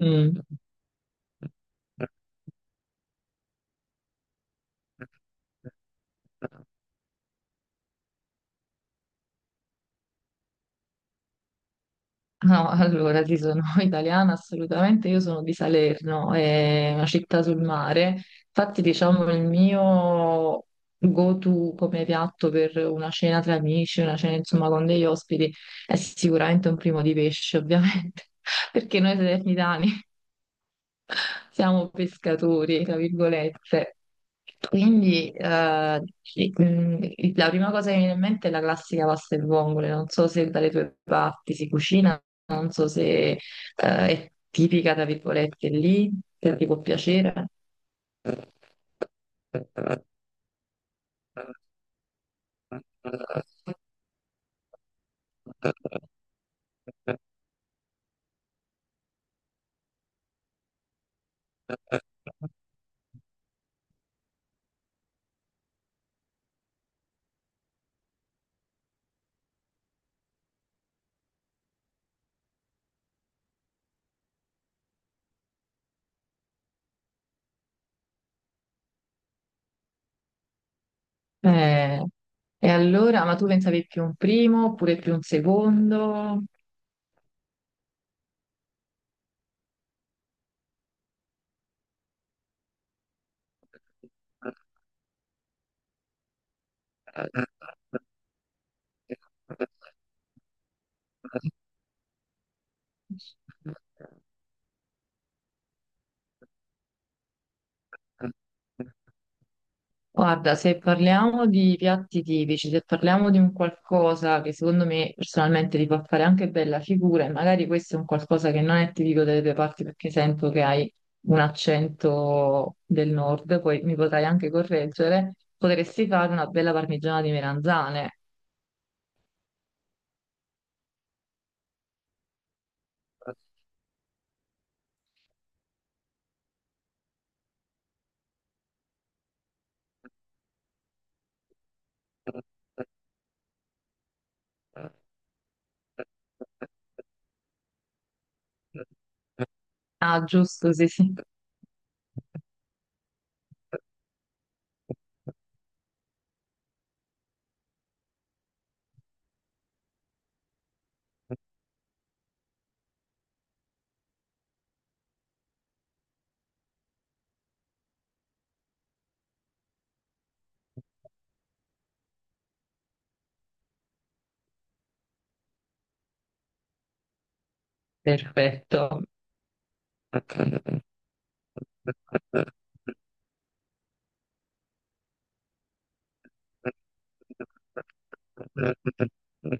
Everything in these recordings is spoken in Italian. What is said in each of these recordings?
Mm. No, allora sì, sono italiana assolutamente, io sono di Salerno, è una città sul mare, infatti diciamo il mio go-to come piatto per una cena tra amici, una cena insomma con degli ospiti, è sicuramente un primo di pesce ovviamente, perché noi salernitani siamo pescatori, tra virgolette. Quindi sì, mm, la prima cosa che mi viene in mente è la classica pasta e vongole. Non so se dalle tue parti si cucina, non so se, è tipica, tra virgolette, lì, se ti può piacere. Eh, e allora, ma tu pensavi più un primo oppure più un secondo? Guarda, se parliamo di piatti tipici, se parliamo di un qualcosa che secondo me personalmente ti fa fare anche bella figura, e magari questo è un qualcosa che non è tipico delle tue parti perché sento che hai un accento del nord, poi mi potrai anche correggere, potresti fare una bella parmigiana di melanzane. Ah, giusto, sì, sì. Perfetto.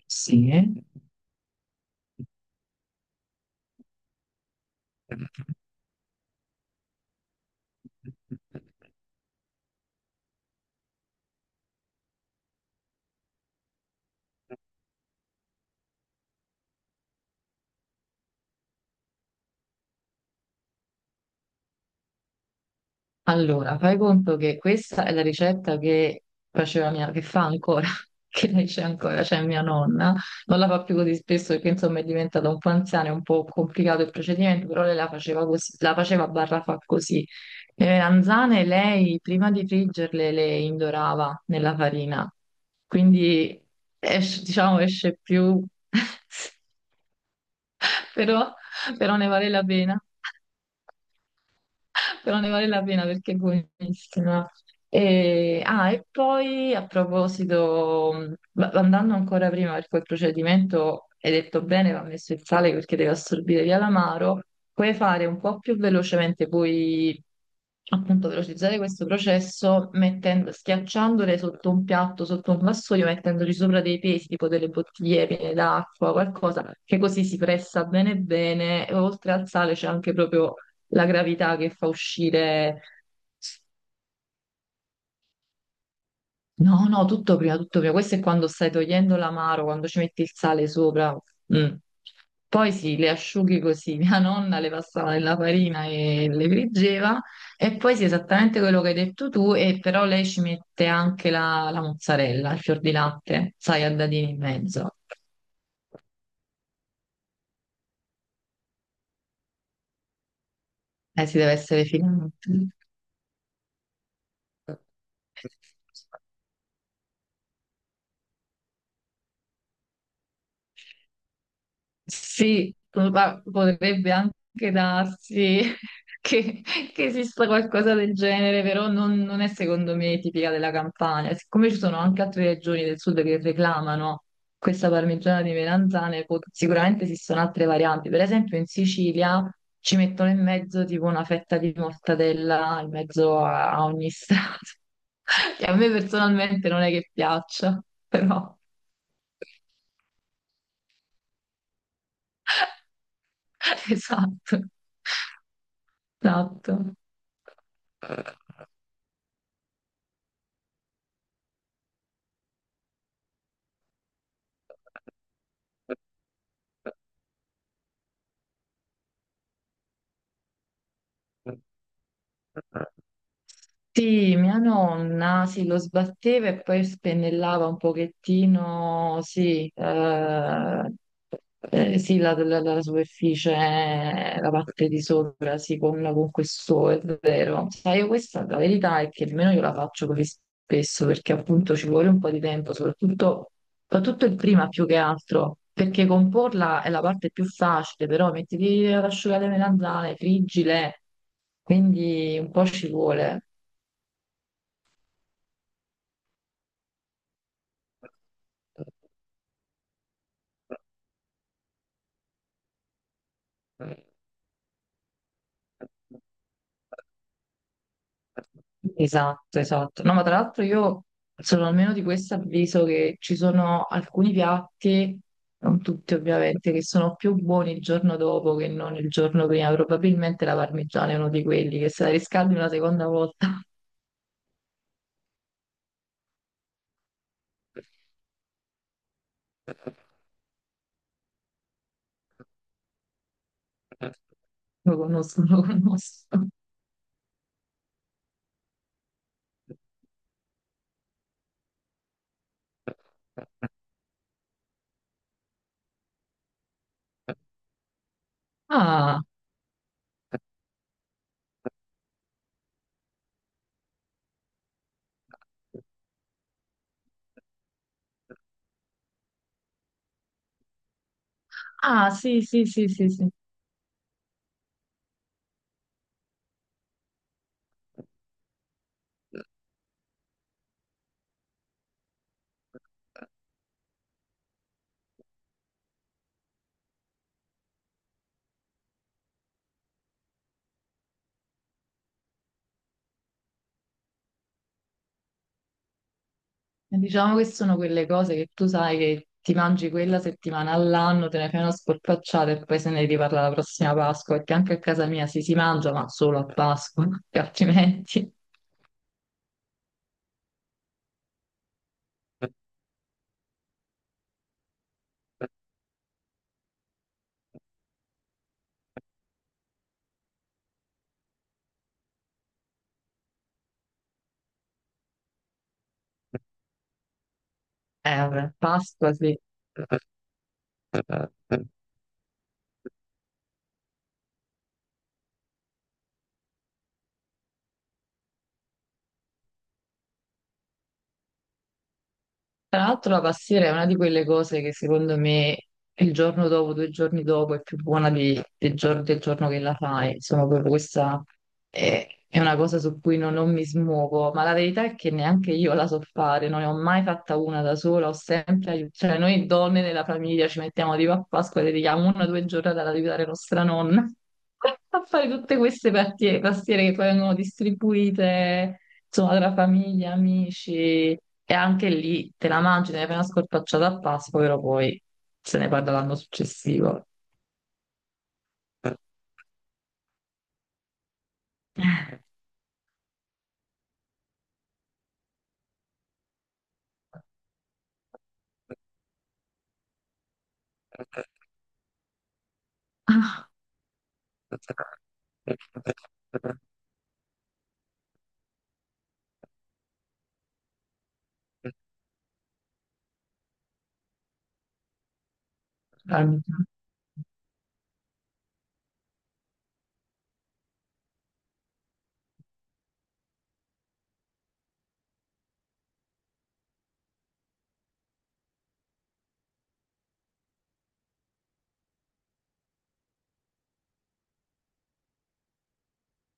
Sì. Allora, fai conto che questa è la ricetta che faceva mia, che fa ancora, che lei c'è ancora, cioè mia nonna. Non la fa più così spesso perché insomma è diventata un po' anziana, è un po' complicato il procedimento, però lei la faceva così, la faceva barra fa così. Le melanzane lei prima di friggerle le indorava nella farina, quindi diciamo esce più, però, però ne vale la pena. Però ne vale la pena perché è buonissima. E, ah, e poi a proposito, andando ancora prima per quel procedimento, hai detto bene, va messo il sale perché deve assorbire via l'amaro, puoi fare un po' più velocemente, puoi appunto velocizzare questo processo mettendo, schiacciandole sotto un piatto, sotto un vassoio, mettendoci sopra dei pesi, tipo delle bottiglie piene d'acqua, qualcosa, che così si pressa bene bene, e oltre al sale c'è anche proprio la gravità che fa uscire... No, no, tutto prima, tutto prima. Questo è quando stai togliendo l'amaro, quando ci metti il sale sopra. Mm. Poi sì, le asciughi così. Mia nonna le passava nella farina e le friggeva. E poi sì, esattamente quello che hai detto tu, e però lei ci mette anche la mozzarella, il fior di latte, sai, a dadini in mezzo. Si deve essere finito. Sì, ma potrebbe anche darsi che, che esista qualcosa del genere, però non, non è secondo me tipica della Campania. Siccome ci sono anche altre regioni del sud che reclamano questa parmigiana di melanzane, sicuramente esistono altre varianti. Per esempio in Sicilia ci mettono in mezzo tipo una fetta di mortadella in mezzo a, a ogni strato, che a me personalmente non è che piaccia, però esatto, esatto. Sì, mia nonna, sì, lo sbatteva e poi spennellava un pochettino, sì, sì, la superficie, la parte di sopra, sì, con questo, è vero. Sai, io questa la verità è che nemmeno io la faccio così spesso, perché appunto ci vuole un po' di tempo, soprattutto, soprattutto il prima più che altro, perché comporla è la parte più facile, però mettiti ad asciugare le melanzane, friggile, quindi un po' ci vuole. Esatto, esatto. No, ma tra l'altro io sono almeno di questo avviso che ci sono alcuni piatti, non tutti ovviamente, che sono più buoni il giorno dopo che non il giorno prima. Probabilmente la parmigiana è uno di quelli che se la riscaldi una seconda volta. Lo conosco, lo conosco. Ah, ah, sì, sì, sì, sì, sì. E diciamo che sono quelle cose che tu sai che ti mangi quella settimana all'anno, te ne fai una sporpacciata e poi se ne riparla la prossima Pasqua, perché anche a casa mia si mangia, ma solo a Pasqua, perché altrimenti... vabbè, Pasqua sì. Tra l'altro la pastiera è una di quelle cose che secondo me il giorno dopo, due giorni dopo è più buona del, del giorno che la fai. Insomma, proprio questa è una cosa su cui non, non mi smuovo, ma la verità è che neanche io la so fare, non ne ho mai fatta una da sola, ho sempre aiutato. Cioè, noi donne nella famiglia ci mettiamo tipo a Pasqua e dedichiamo una o due giornate ad aiutare nostra nonna a fare tutte queste pastiere che poi vengono distribuite insomma, tra famiglia, amici, e anche lì te la mangi, te ne fai una scorpacciata a Pasqua, però poi se ne parla l'anno successivo. Ah, calmi.